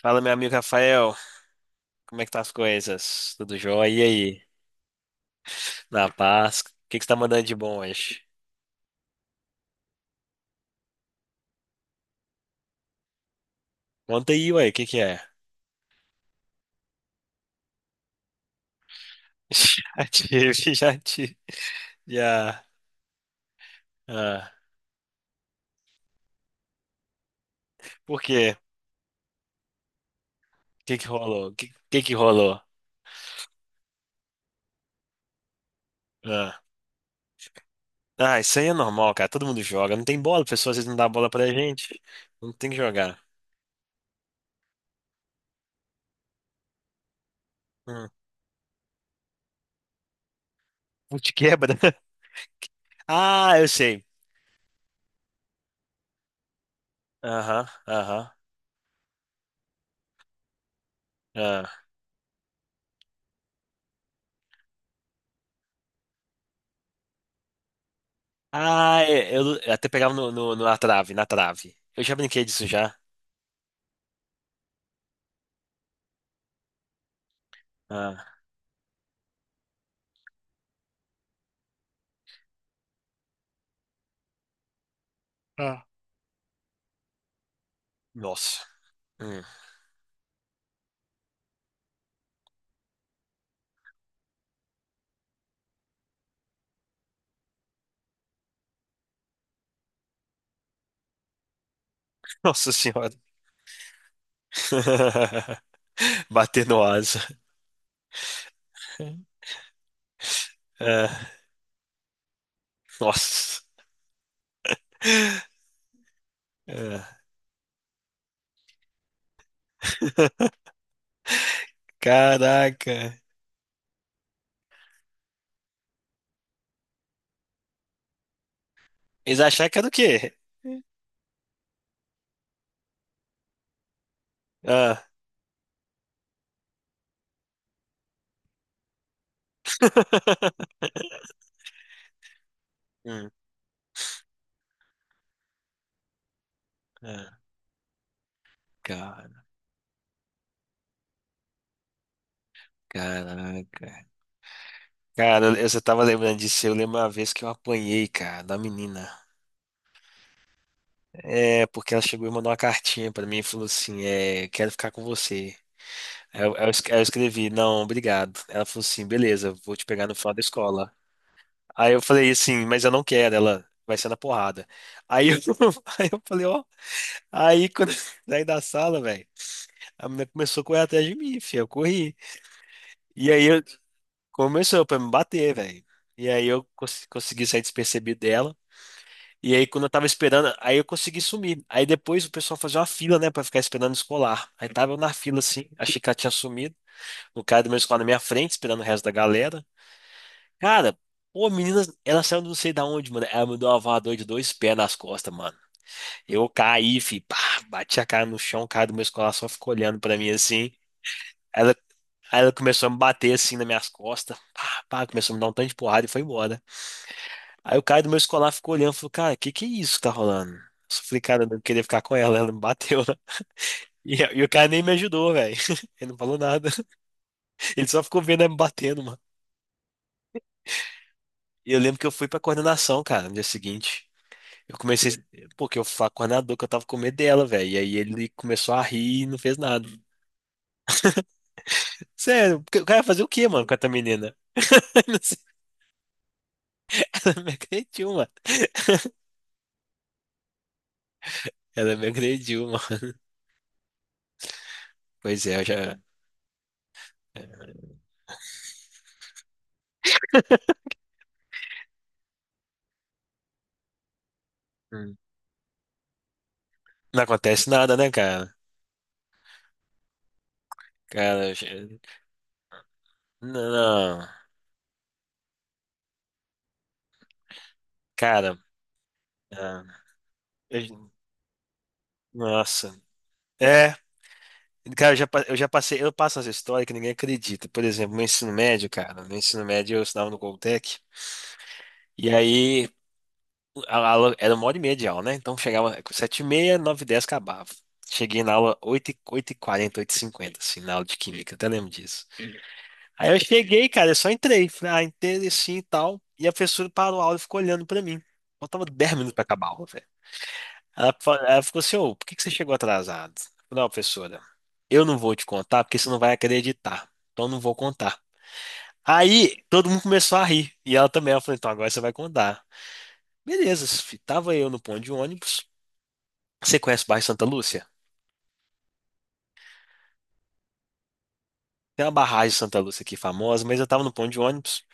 Fala, meu amigo Rafael, como é que tá as coisas? Tudo jóia? E aí? Na paz? O que que você tá mandando de bom hoje? Conta aí, ué, o que que é? Já tive, já tive, já. Ah, por quê? O que que rolou? Que rolou? Ah. Ah, isso aí é normal, cara, todo mundo joga. Não tem bola, pessoal, às vezes não dá bola pra gente. Não tem que jogar. Hum. Putz, quebra. Ah, eu sei. Aham, aham. Ah. Ah, é, eu até pegava na trave, na trave. Eu já brinquei disso já. Ah, Ah, nossa. Hum. Nossa senhora. Bater no asa. Ah, nossa. Ah, caraca. Eles acharam que era o quê? Ah. Hum. Ah, cara, caraca. Cara, eu só tava lembrando disso. Eu lembro uma vez que eu apanhei, cara, da menina. É, porque ela chegou e mandou uma cartinha pra mim e falou assim: é, quero ficar com você. É, Eu escrevi, não, obrigado. Ela falou assim, beleza, vou te pegar no final da escola. Aí eu falei assim, mas eu não quero, ela vai ser na porrada. Aí eu, aí eu falei, ó, aí quando saí da sala, velho, a menina começou a correr atrás de mim, filho, eu corri. E aí eu, começou pra me bater, velho. E aí eu consegui sair despercebido dela. E aí quando eu tava esperando, aí eu consegui sumir. Aí depois o pessoal fazia uma fila, né, pra ficar esperando escolar. Aí tava eu na fila assim, achei que ela tinha sumido. O cara do meu escolar na minha frente, esperando o resto da galera. Cara, pô, a menina, ela saiu não sei da onde, mano. Ela me deu uma voadora de dois pés nas costas, mano. Eu caí, fi, pá, bati a cara no chão, o cara do meu escolar só ficou olhando pra mim assim. Ela, aí ela começou a me bater assim nas minhas costas, pá, pá, começou a me dar um tanto de porrada e foi embora. Aí o cara do meu escolar ficou olhando e falou, cara, que é isso que tá rolando? Eu falei, cara, eu não queria ficar com ela, ela me bateu, né? E o cara nem me ajudou, velho. Ele não falou nada. Ele só ficou vendo ela me batendo, mano. E eu lembro que eu fui pra coordenação, cara, no dia seguinte. Eu comecei, porque eu falar com o coordenador que eu tava com medo dela, velho. E aí ele começou a rir e não fez nada. Sério, porque o cara ia fazer o quê, mano, com essa menina? Não sei. Ela me agrediu, mano. Ela me agrediu, mano. Pois é, eu já. Hum. Não acontece nada, né, cara? Cara, não, não. Cara, ah, eu- nossa. É, cara, eu já passei, eu passo essa história que ninguém acredita. Por exemplo, no ensino médio, cara, no ensino médio eu estudava no Goltec. E aí, a aula era uma hora e meia de aula, né? Então chegava 7h30, 9h10 acabava. Cheguei na aula oito e 40, 8h50, assim, na aula de química, até lembro disso. Aí eu cheguei, cara, eu só entrei, falei, ah, entrei assim e tal. E a professora parou a aula e ficou olhando pra mim. Faltava 10 minutos pra acabar a aula, velho. Ela ficou assim, ô, por que que você chegou atrasado? Eu falei, não, professora, eu não vou te contar porque você não vai acreditar. Então eu não vou contar. Aí todo mundo começou a rir. E ela também, ela falou, então agora você vai contar. Beleza, fi- tava eu no ponto de ônibus. Você conhece o bairro Santa Lúcia? Tem uma barragem de Santa Lúcia aqui famosa, mas eu tava no ponto de ônibus.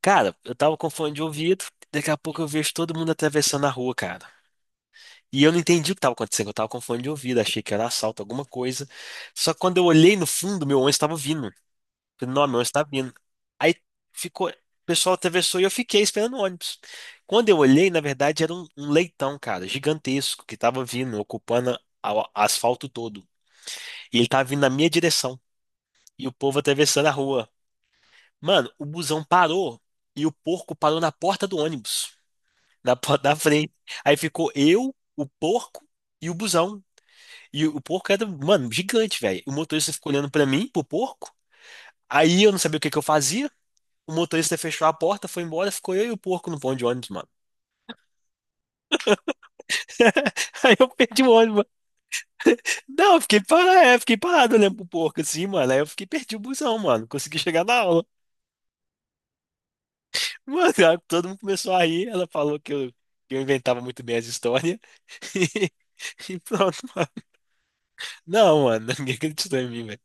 Cara, eu tava com fone de ouvido. Daqui a pouco eu vejo todo mundo atravessando a rua, cara. E eu não entendi o que tava acontecendo. Eu tava com fone de ouvido, achei que era assalto, alguma coisa. Só que quando eu olhei no fundo, meu ônibus tava vindo. Falei, não, meu ônibus tá vindo. Aí ficou. O pessoal atravessou e eu fiquei esperando o ônibus. Quando eu olhei, na verdade, era um leitão, cara, gigantesco, que tava vindo, ocupando o asfalto todo. E ele tava vindo na minha direção. E o povo atravessando a rua. Mano, o busão parou e o porco parou na porta do ônibus, na porta da frente. Aí ficou eu, o porco e o busão. E o porco era, mano, gigante, velho. O motorista ficou olhando pra mim, pro porco. Aí eu não sabia o que que eu fazia. O motorista fechou a porta, foi embora, ficou eu e o porco no ponto de ônibus, mano. Aí eu perdi o ônibus. Não, eu fiquei parado, é, fiquei parado olhando pro porco assim, mano. Aí eu fiquei perdi o busão, mano. Consegui chegar na aula. Mano, aí todo mundo começou a rir. Ela falou que eu inventava muito bem as histórias. E pronto, mano. Não, mano, ninguém acreditou em mim, velho.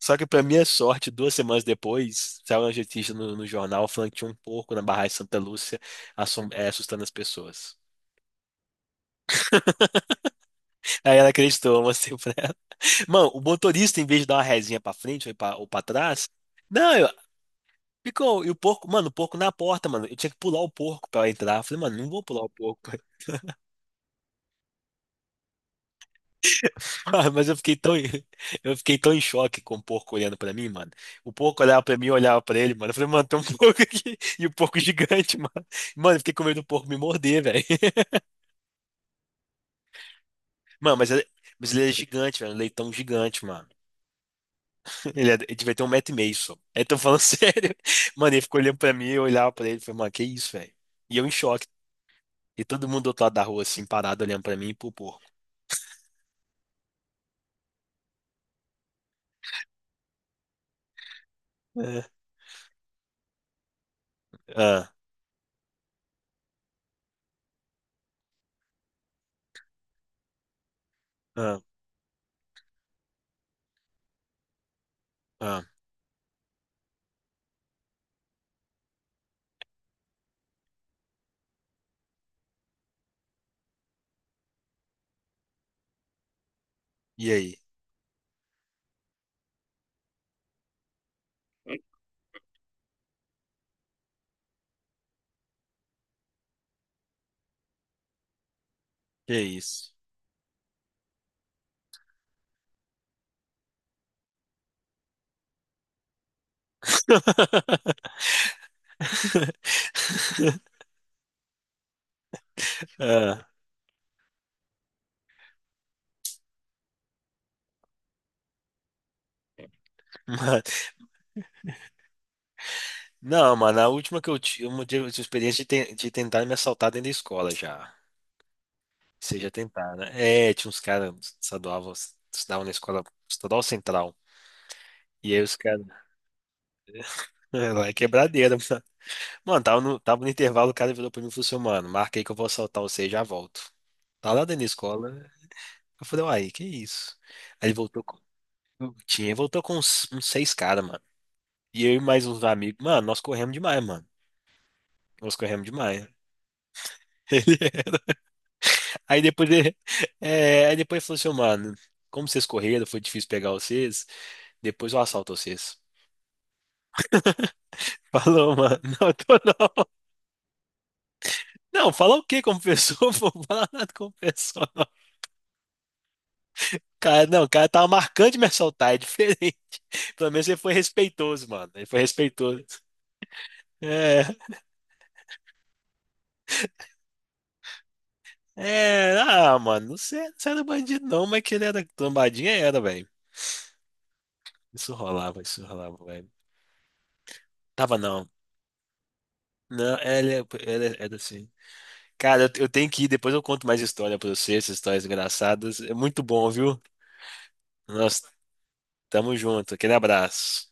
Só que, pra minha sorte, 2 semanas depois, saiu uma notícia no jornal falando que tinha um porco na barragem de Santa Lúcia assustando as pessoas. Aí ela acreditou, eu mostrei pra ela. Mano, o motorista, em vez de dar uma rezinha pra frente ou pra trás, não, ficou. E o porco, mano, o porco na porta, mano. Eu tinha que pular o porco pra ela entrar. Eu falei, mano, não vou pular o porco. Ah, mas eu fiquei tão, eu fiquei tão em choque com o porco olhando pra mim, mano. O porco olhava pra mim, eu olhava pra ele, mano. Eu falei, mano, tem um porco aqui. E o porco gigante, mano. Mano, eu fiquei com medo do porco me morder, velho. Mano, mas ele é gigante, velho. Um leitão gigante, mano. Ele devia ter um metro e meio só. Aí tô falando sério. Mano, ele ficou olhando pra mim, eu olhava pra ele. Falei, mano, que isso, velho? E eu em choque. E todo mundo do outro lado da rua, assim, parado, olhando pra mim e pro porco. É. Ah, ah, ah. E aí? Que isso? Ah, mano. Não, mano, a última que eu tive, uma de experiência de tentar me assaltar dentro da escola já. Seja tentar, né? É, tinha uns caras estadual, estudavam na escola estadual central. E aí os caras, lá é quebradeira, mano. Mano, tava no intervalo, o cara virou pra mim e falou assim, mano, marca aí que eu vou assaltar você e já volto. Tá lá dentro da escola, né? Eu falei, uai, que isso? Aí ele voltou com uns seis caras, mano. E eu e mais uns amigos, mano, nós corremos demais, mano. Nós corremos demais. Aí depois ele, aí depois ele falou assim, "Ô, mano, como vocês correram, foi difícil pegar vocês, depois eu assalto vocês." Falou, mano, não, tô não. Não, falar o quê como pessoa? Não vou falar nada como pessoa, não. Cara, não, o cara tava marcando de me assaltar, é diferente. Pelo menos ele foi respeitoso, mano. Ele foi respeitoso. É, é, ah, mano, não sei, não era bandido não, mas que ele era trombadinha, era, velho. Isso rolava, velho. Tava não. Não, ele era assim. Cara, eu tenho que ir, depois eu conto mais história pra você, essas histórias engraçadas. É muito bom, viu? Nós tamo junto. Aquele abraço.